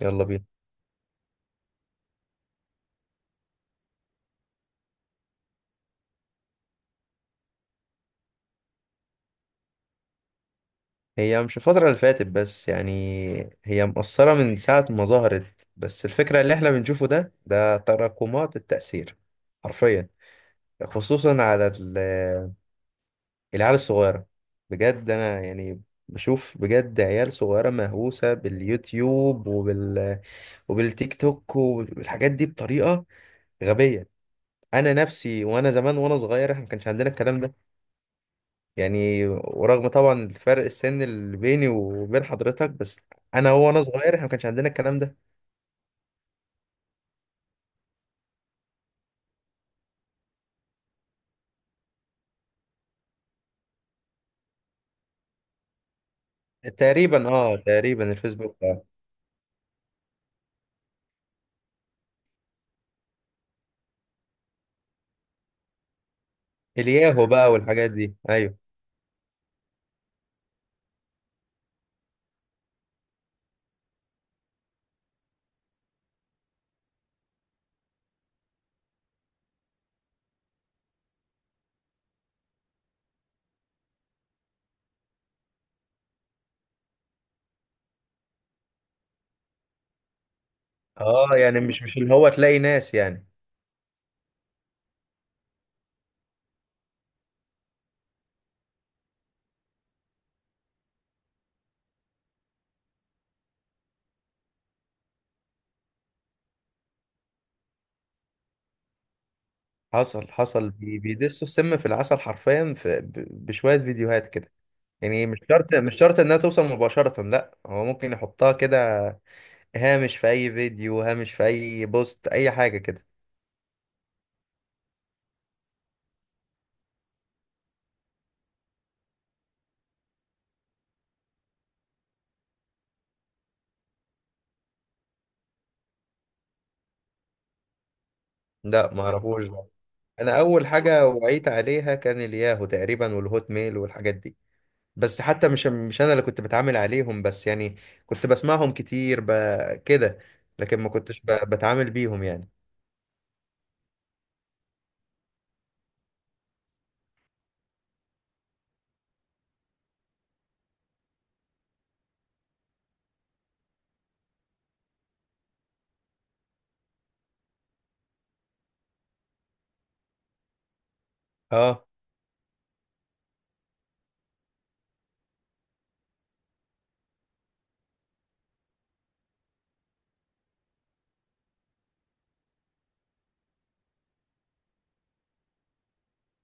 يلا بينا. هي مش الفترة اللي فاتت بس، يعني هي مقصرة من ساعة ما ظهرت، بس الفكرة اللي احنا بنشوفه ده تراكمات التأثير حرفيا. خصوصا العيال الصغيرة، بجد. أنا يعني بشوف بجد عيال صغيرة مهووسة باليوتيوب وبالتيك توك والحاجات دي بطريقة غبية. أنا نفسي، وأنا زمان وأنا صغير احنا ما كانش عندنا الكلام ده، يعني. ورغم طبعا الفرق السن اللي بيني وبين حضرتك، بس انا هو وانا صغير احنا ما كانش عندنا الكلام ده. تقريبا، اه، تقريبا الفيسبوك الياهو بقى والحاجات دي، ايوه. اه، يعني مش اللي هو تلاقي ناس، يعني. حصل بيدسوا السم في العسل حرفيا، في بشوية فيديوهات كده. يعني مش شرط انها توصل مباشرة، لا، هو ممكن يحطها كده هامش في اي فيديو، هامش في اي بوست، اي حاجة كده. لا، ما اعرفوش. انا اول حاجه وعيت عليها كان الياهو تقريبا، والهوت ميل والحاجات دي، بس حتى مش انا اللي كنت بتعامل عليهم، بس يعني كنت بسمعهم كتير، كده. لكن ما كنتش بتعامل بيهم، يعني. اه،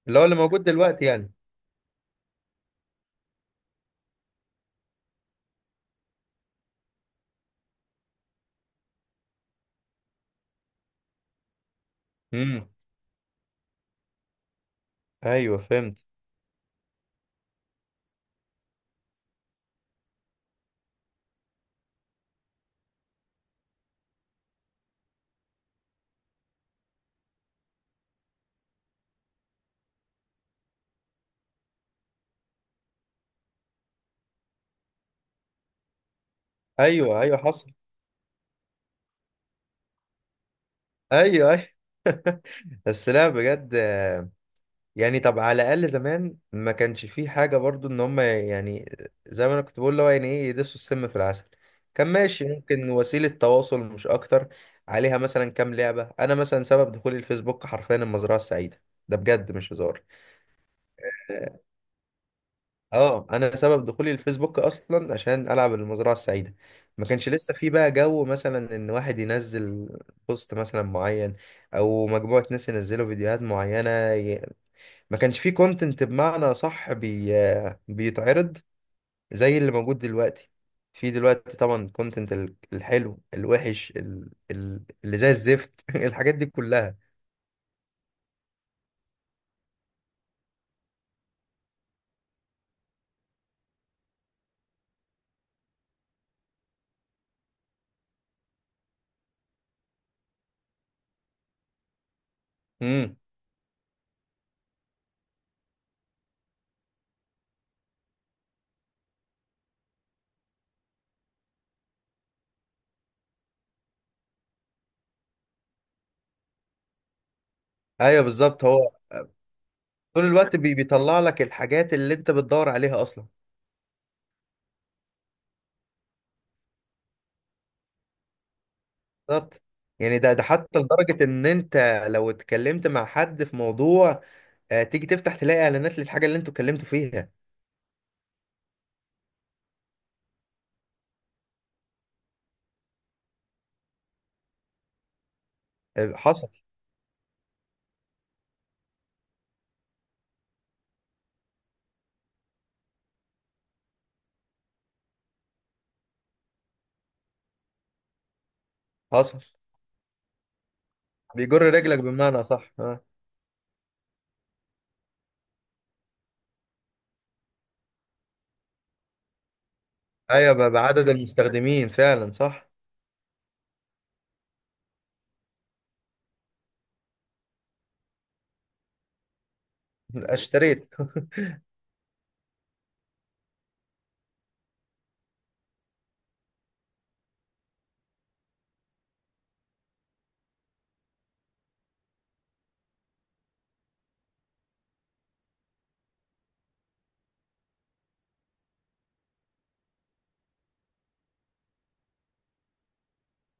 اللي هو اللي موجود دلوقتي يعني. امم، ايوه فهمت. ايوه، ايوه، حصل. ايوه، ايوه. بس لا، بجد. يعني طب، على الاقل زمان ما كانش فيه حاجه برضو ان هم، يعني زي ما انا كنت بقول اللي هو يعني ايه، يدسوا السم في العسل. كان ماشي، ممكن وسيله تواصل مش اكتر. عليها مثلا كام لعبه، انا مثلا سبب دخولي الفيسبوك حرفيا المزرعه السعيده، ده بجد مش هزار. اه. آه، انا سبب دخولي الفيسبوك اصلا عشان العب المزرعه السعيده. ما كانش لسه في بقى جو مثلا ان واحد ينزل بوست مثلا معين، او مجموعه ناس ينزلوا فيديوهات معينه. ما كانش فيه كونتنت بمعنى صح بيتعرض زي اللي موجود دلوقتي. في دلوقتي طبعا كونتنت الحلو الوحش، اللي زي الزفت، الحاجات دي كلها. امم. ايوه بالظبط. هو طول الوقت بيطلع لك الحاجات اللي انت بتدور عليها اصلا. بالظبط. يعني ده حتى لدرجة ان انت لو اتكلمت مع حد في موضوع، آه، تيجي تفتح تلاقي اعلانات للحاجة اللي انتوا اتكلمتوا فيها. آه، حصل حصل. بيجر رجلك بمعنى صح، ايوه، بعدد المستخدمين فعلا، صح. اشتريت.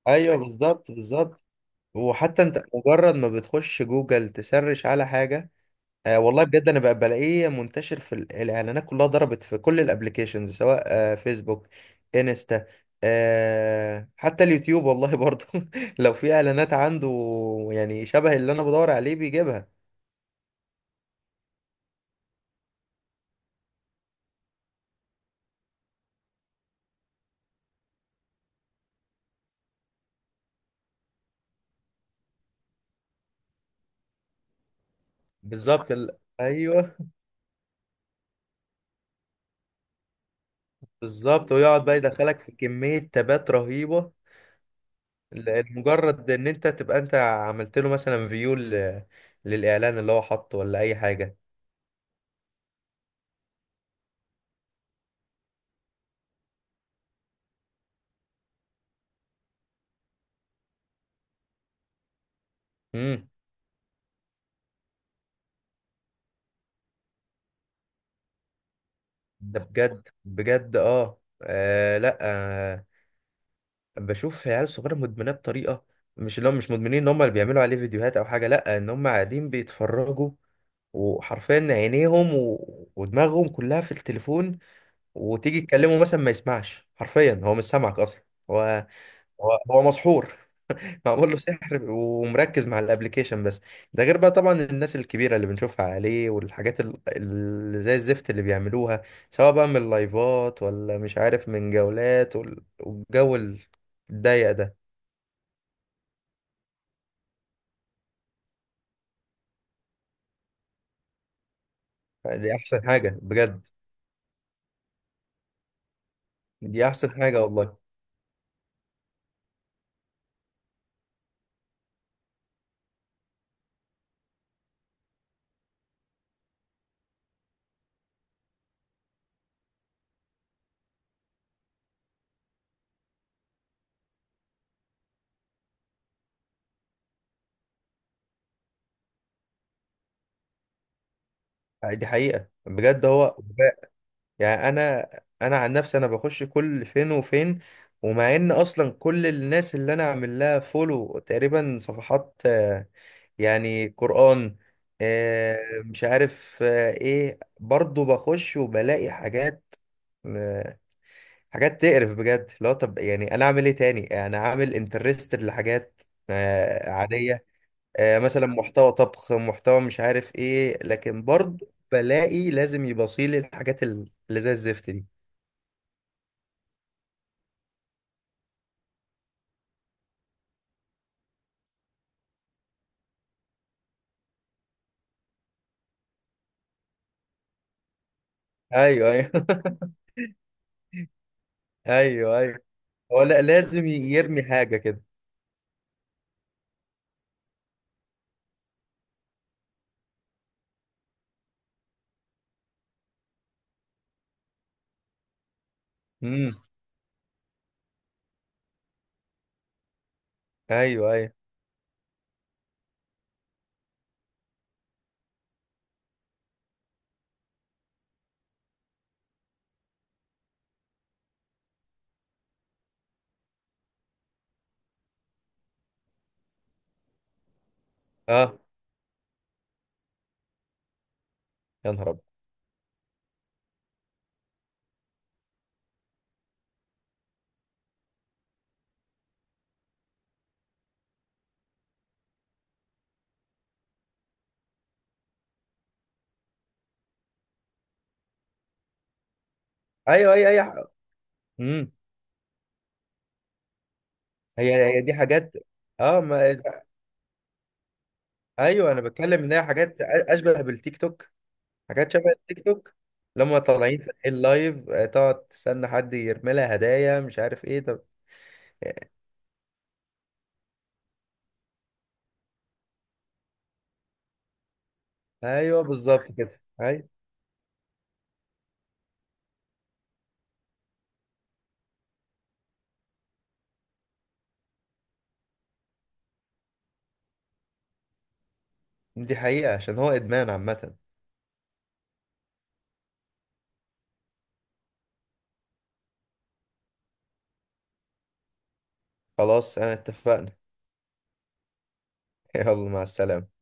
ايوه بالظبط، بالظبط. وحتى انت مجرد ما بتخش جوجل تسرش على حاجه، آه والله بجد انا بقى بلاقيه منتشر الاعلانات كلها، ضربت في كل الابليكيشنز، سواء آه فيسبوك، انستا، آه حتى اليوتيوب والله برضه. لو في اعلانات عنده يعني شبه اللي انا بدور عليه بيجيبها. بالظبط. ايوه. بالظبط. ويقعد بقى يدخلك في كميه تابات رهيبه، مجرد ان انت تبقى انت عملت له مثلا فيو للاعلان اللي هو حاطه ولا اي حاجه. امم. ده بجد بجد، اه، آه، لا، آه، بشوف عيال صغيره مدمنه بطريقه، مش اللي هم مش مدمنين ان هم اللي بيعملوا عليه فيديوهات او حاجه، لا، ان هم قاعدين بيتفرجوا، وحرفيا عينيهم ودماغهم كلها في التليفون. وتيجي تكلمه مثلا ما يسمعش، حرفيا هو مش سامعك اصلا. هو، هو مسحور، معمول له سحر ومركز مع الابليكيشن بس. ده غير بقى طبعا الناس الكبيره اللي بنشوفها عليه، والحاجات اللي زي الزفت اللي بيعملوها، سواء بقى من لايفات ولا مش عارف من جولات والجو الضيق ده. دي احسن حاجه بجد. دي احسن حاجه والله. دي حقيقه بجد، هو غباء. يعني انا، انا عن نفسي انا بخش كل فين وفين. ومع ان اصلا كل الناس اللي انا عامل لها فولو تقريبا صفحات يعني قرآن، آه، مش عارف آه ايه، برضو بخش وبلاقي حاجات، آه، حاجات تقرف بجد. لا طب يعني انا اعمل ايه تاني؟ انا عامل انترستد لحاجات آه عادية، آه، مثلا محتوى طبخ، محتوى مش عارف ايه، لكن برضو بلاقي لازم يبصيلي الحاجات اللي زي الزفت دي. ايوه ايوه. ايوه ايوه. هو لا لازم يرمي حاجة كده. امم. ايوه ايوه. اه. يا نهار ابيض. ايوه ايوه ايوه. امم. هي دي حاجات. اه ما، ايوه انا بتكلم ان هي حاجات اشبه بالتيك توك. حاجات شبه التيك توك. لما طالعين في اللايف، آه، تقعد تستنى حد يرمي لها هدايا مش عارف ايه، طب. ايوه بالظبط كده، ايوه. دي حقيقة، عشان هو ادمان عامة. خلاص، انا اتفقنا. يلا مع السلامة.